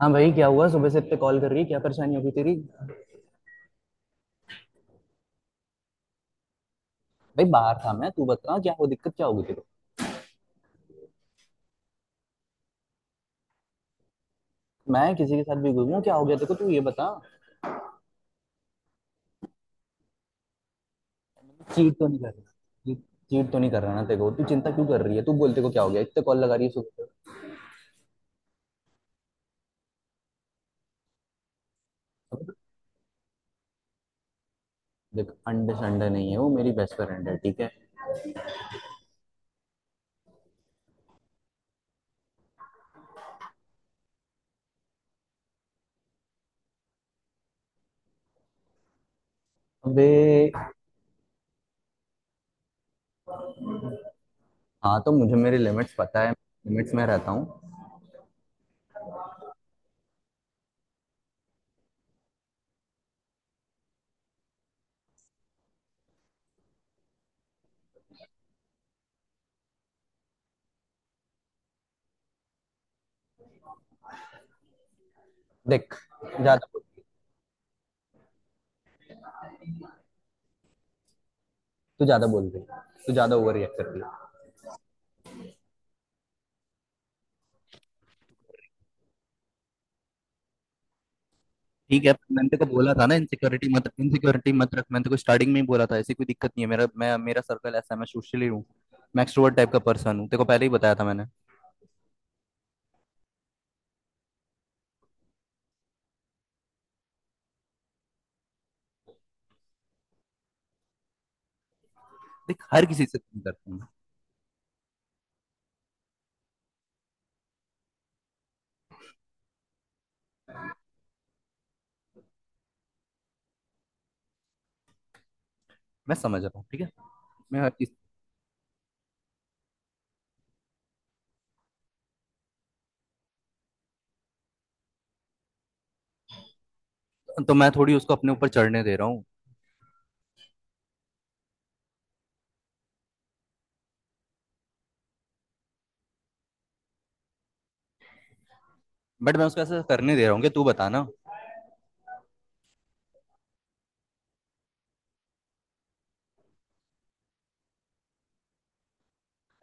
हाँ भाई, क्या हुआ? सुबह से इतने कॉल कर रही है, क्या परेशानी होगी तेरी? भाई, बाहर था मैं। तू बता, क्या हो? दिक्कत क्या होगी तेरे को? मैं किसी के साथ भी घूमूं, क्या हो गया तेरे को? तू ये बता। चीट तो नहीं कर रही। चीट तो नहीं कर रहा ना तेरे को। तू चिंता क्यों कर रही है? तू बोलते को क्या हो गया, इतने कॉल लगा रही है सुबह से। अब देख, अंडे संडे नहीं है, वो मेरी बेस्ट फ्रेंड है, ठीक है। अबे। हाँ, तो मुझे मेरी लिमिट्स पता है, लिमिट्स में रहता हूँ। देख, ज्यादा, तू ज्यादा बोल रही है। तू ज्यादा ओवर रिएक्ट कर रही है। ठीक है, पर मैंने तो बोला था ना, इनसिक्योरिटी मत रख। मैंने तो स्टार्टिंग में ही बोला था, ऐसी कोई दिक्कत नहीं है मेरा। मैं मेरा सर्कल ऐसा है, मैं सोशली हूँ। मैं एक्सट्रोवर्ट टाइप का पर्सन हूँ, तेरे को पहले ही बताया था मैंने। देख, हर किसी से तुम करता हूँ। मैं समझ रहा हूँ, ठीक है। मैं हर चीज। तो मैं थोड़ी उसको अपने ऊपर चढ़ने दे रहा हूँ। बट मैं उसको ऐसा करने दे रहा हूँ? कि तू बता ना।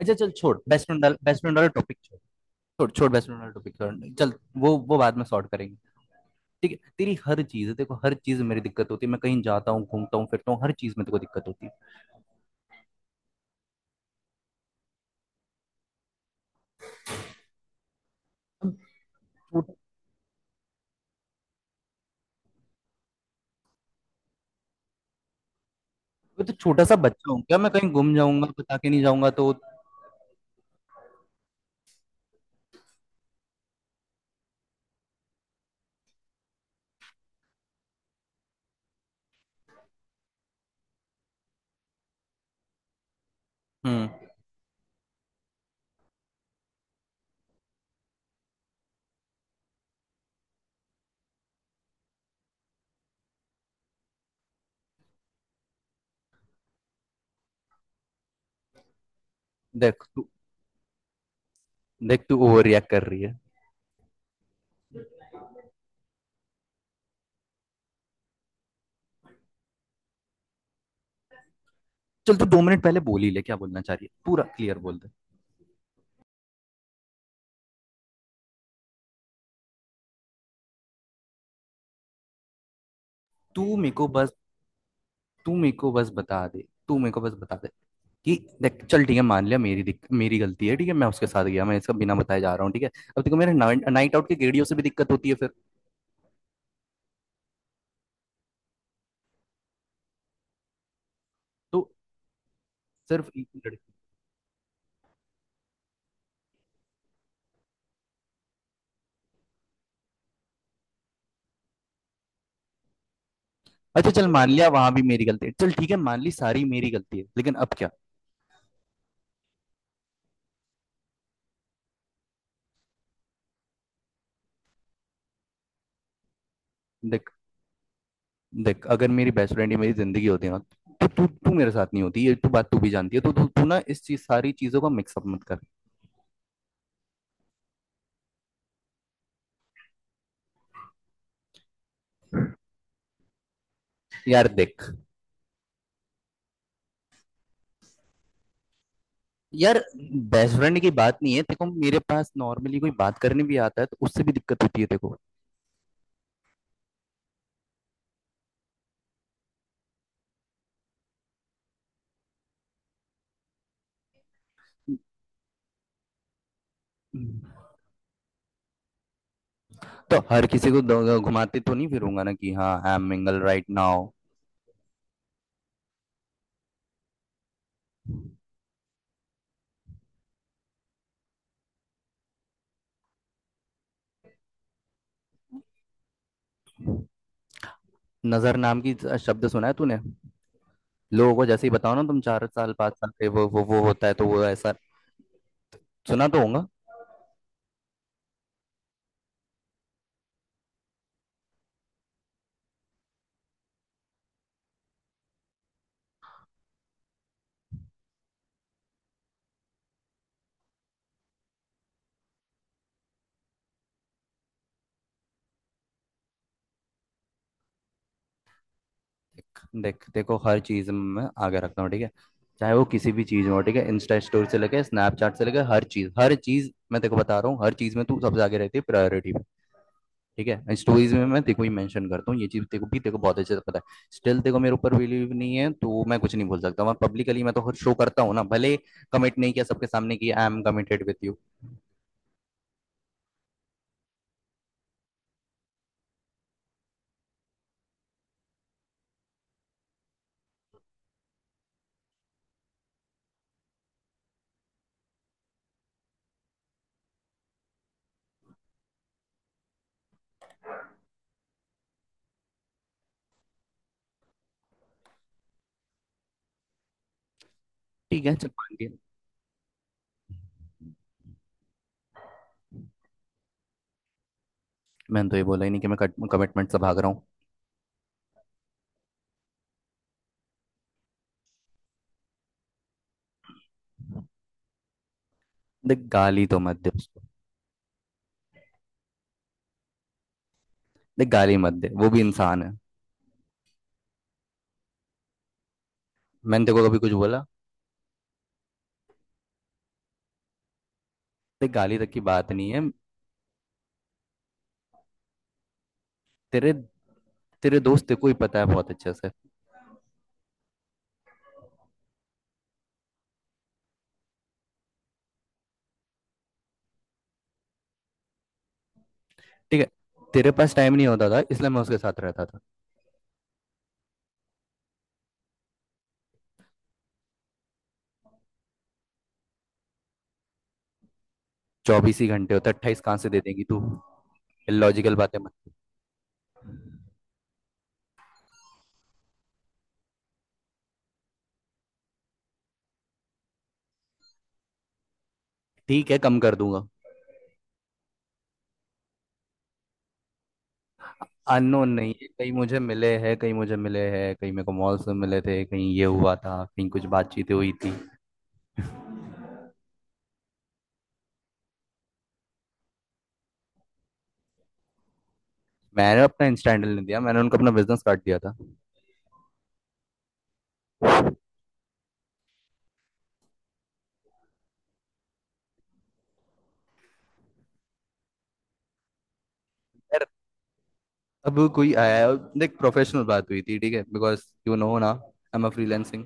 अच्छा, चल, छोड़। बेस्ट फ्रेंड वाला टॉपिक छोड़। छोड़ छोड़, बेस्ट फ्रेंड वाला टॉपिक छोड़। चल, वो बाद में सॉर्ट करेंगे। ठीक है, तेरी हर चीज, देखो, हर चीज में मेरी दिक्कत होती है। मैं कहीं जाता हूँ, घूमता हूँ, फिरता हूँ, हर चीज में तेरे को दिक्कत होती है। मैं तो छोटा सा बच्चा हूँ क्या? मैं कहीं गुम जाऊंगा, बता के नहीं जाऊंगा तो? हम्म। देख तू देख, तू ओवर रिएक्ट कर रही है। चल, तू 2 मिनट पहले बोल ही ले, क्या बोलना चाह रही है? पूरा क्लियर बोल दे। तू मेरे को बस तू मेरे को बस बता दे तू मेरे को बस बता दे कि, देख, चल, ठीक है, मान लिया, मेरी गलती है, ठीक है। मैं उसके साथ गया, मैं इसका बिना बताए जा रहा हूँ, ठीक है। अब देखो, मेरे नाइट आउट के गेड़ियों से भी दिक्कत होती है फिर? तो सिर्फ एक लड़की। अच्छा, चल, मान लिया, वहां भी मेरी गलती है। चल ठीक है, मान ली सारी मेरी गलती है, लेकिन अब क्या? देख देख, अगर मेरी बेस्ट फ्रेंड ही मेरी जिंदगी होती है ना, तो तू तू मेरे साथ नहीं होती, ये तू बात तू भी जानती है। तो तू तू ना, इस चीज, सारी चीजों का मिक्सअप मत कर। यार, देख। यार, बेस्ट फ्रेंड की बात नहीं है। देखो, मेरे पास नॉर्मली कोई बात करने भी आता है तो उससे भी दिक्कत होती है, देखो। तो हर किसी को घुमाते तो नहीं फिरूंगा ना कि हाँ, I am mingle right now. नजर नाम की शब्द सुना है तूने? लोगों को जैसे ही बताओ ना, तुम 4 साल 5 साल के, वो होता है तो वो ऐसा, सुना तो होगा। देख देख देखो, हर चीज में आगे रखता हूँ, ठीक है। चाहे वो किसी भी चीज में हो, ठीक है। इंस्टा स्टोरी से लेके स्नैपचैट से लेके हर चीज, हर चीज, मैं तेको बता रहा हूँ, हर चीज में तू सबसे आगे रहती है प्रायोरिटी में। ठीक है, स्टोरीज में मैं तेको ही मेंशन करता हूँ, ये चीज तेको बहुत अच्छे से पता है। स्टिल तेको मेरे ऊपर बिलीव नहीं है, तो मैं कुछ नहीं बोल सकता। मैं पब्लिकली, मैं तो शो करता हूँ ना, भले कमिट नहीं किया सबके सामने कि I am committed with you. ठीक है, चल, मान लिया। मैंने तो ये बोला ही नहीं कि मैं कमिटमेंट से भाग रहा हूँ। देख, गाली तो मत दे उसको। देख, गाली मत दे, वो भी इंसान है। मैंने तेरे को कभी कुछ बोला? ते गाली तक की बात नहीं है। तेरे तेरे दोस्त तेरे को ही पता है बहुत अच्छे से। ठीक है, तेरे पास टाइम नहीं होता था, इसलिए मैं उसके साथ रहता था। 24 ही घंटे होते, 28 कहाँ से दे देगी तू? लॉजिकल बातें मत। ठीक है, कम कर दूंगा। अननोन नहीं है, कहीं मुझे मिले हैं, कहीं मुझे मिले हैं, कहीं मेरे को मॉल से मिले थे, कहीं ये हुआ था, कहीं कुछ बातचीतें हुई थी। मैंने अपना इंस्टा हैंडल नहीं दिया, मैंने उनको अपना बिजनेस कार्ड दिया था। यार, अब कोई आया है, देख, प्रोफेशनल बात हुई थी, ठीक है, बिकॉज यू नो ना, आई एम अ फ्रीलैंसिंग।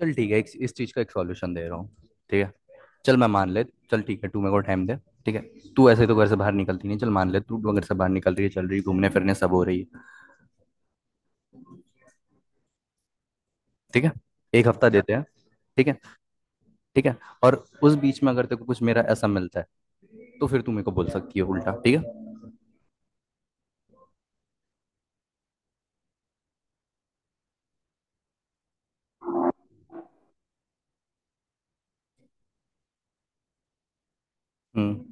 चल ठीक है, एक, इस चीज का एक सॉल्यूशन दे रहा हूँ, ठीक है। चल, मैं मान ले। चल ठीक है, तू मेरे को टाइम दे, ठीक है। तू ऐसे तो घर से बाहर निकलती नहीं, चल मान ले तू घर से बाहर निकल रही है, चल रही है घूमने फिरने, सब हो रही है, ठीक है। एक हफ्ता देते हैं, ठीक है। ठीक है, और उस बीच में अगर तेरे को कुछ मेरा ऐसा मिलता है, तो फिर तू मेरे को बोल सकती है उल्टा, ठीक है। हम्म।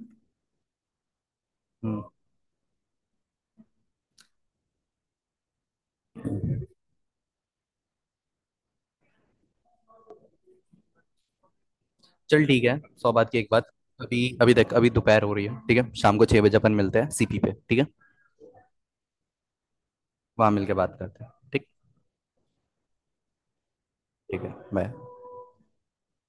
हम्म। चल ठीक है, सौ बात की एक बात। अभी अभी देख, अभी दोपहर हो रही है, ठीक है, शाम को 6 बजे अपन मिलते हैं सीपी पे, ठीक है। वहां मिलके बात करते हैं, ठीक। ठीक है, बाय।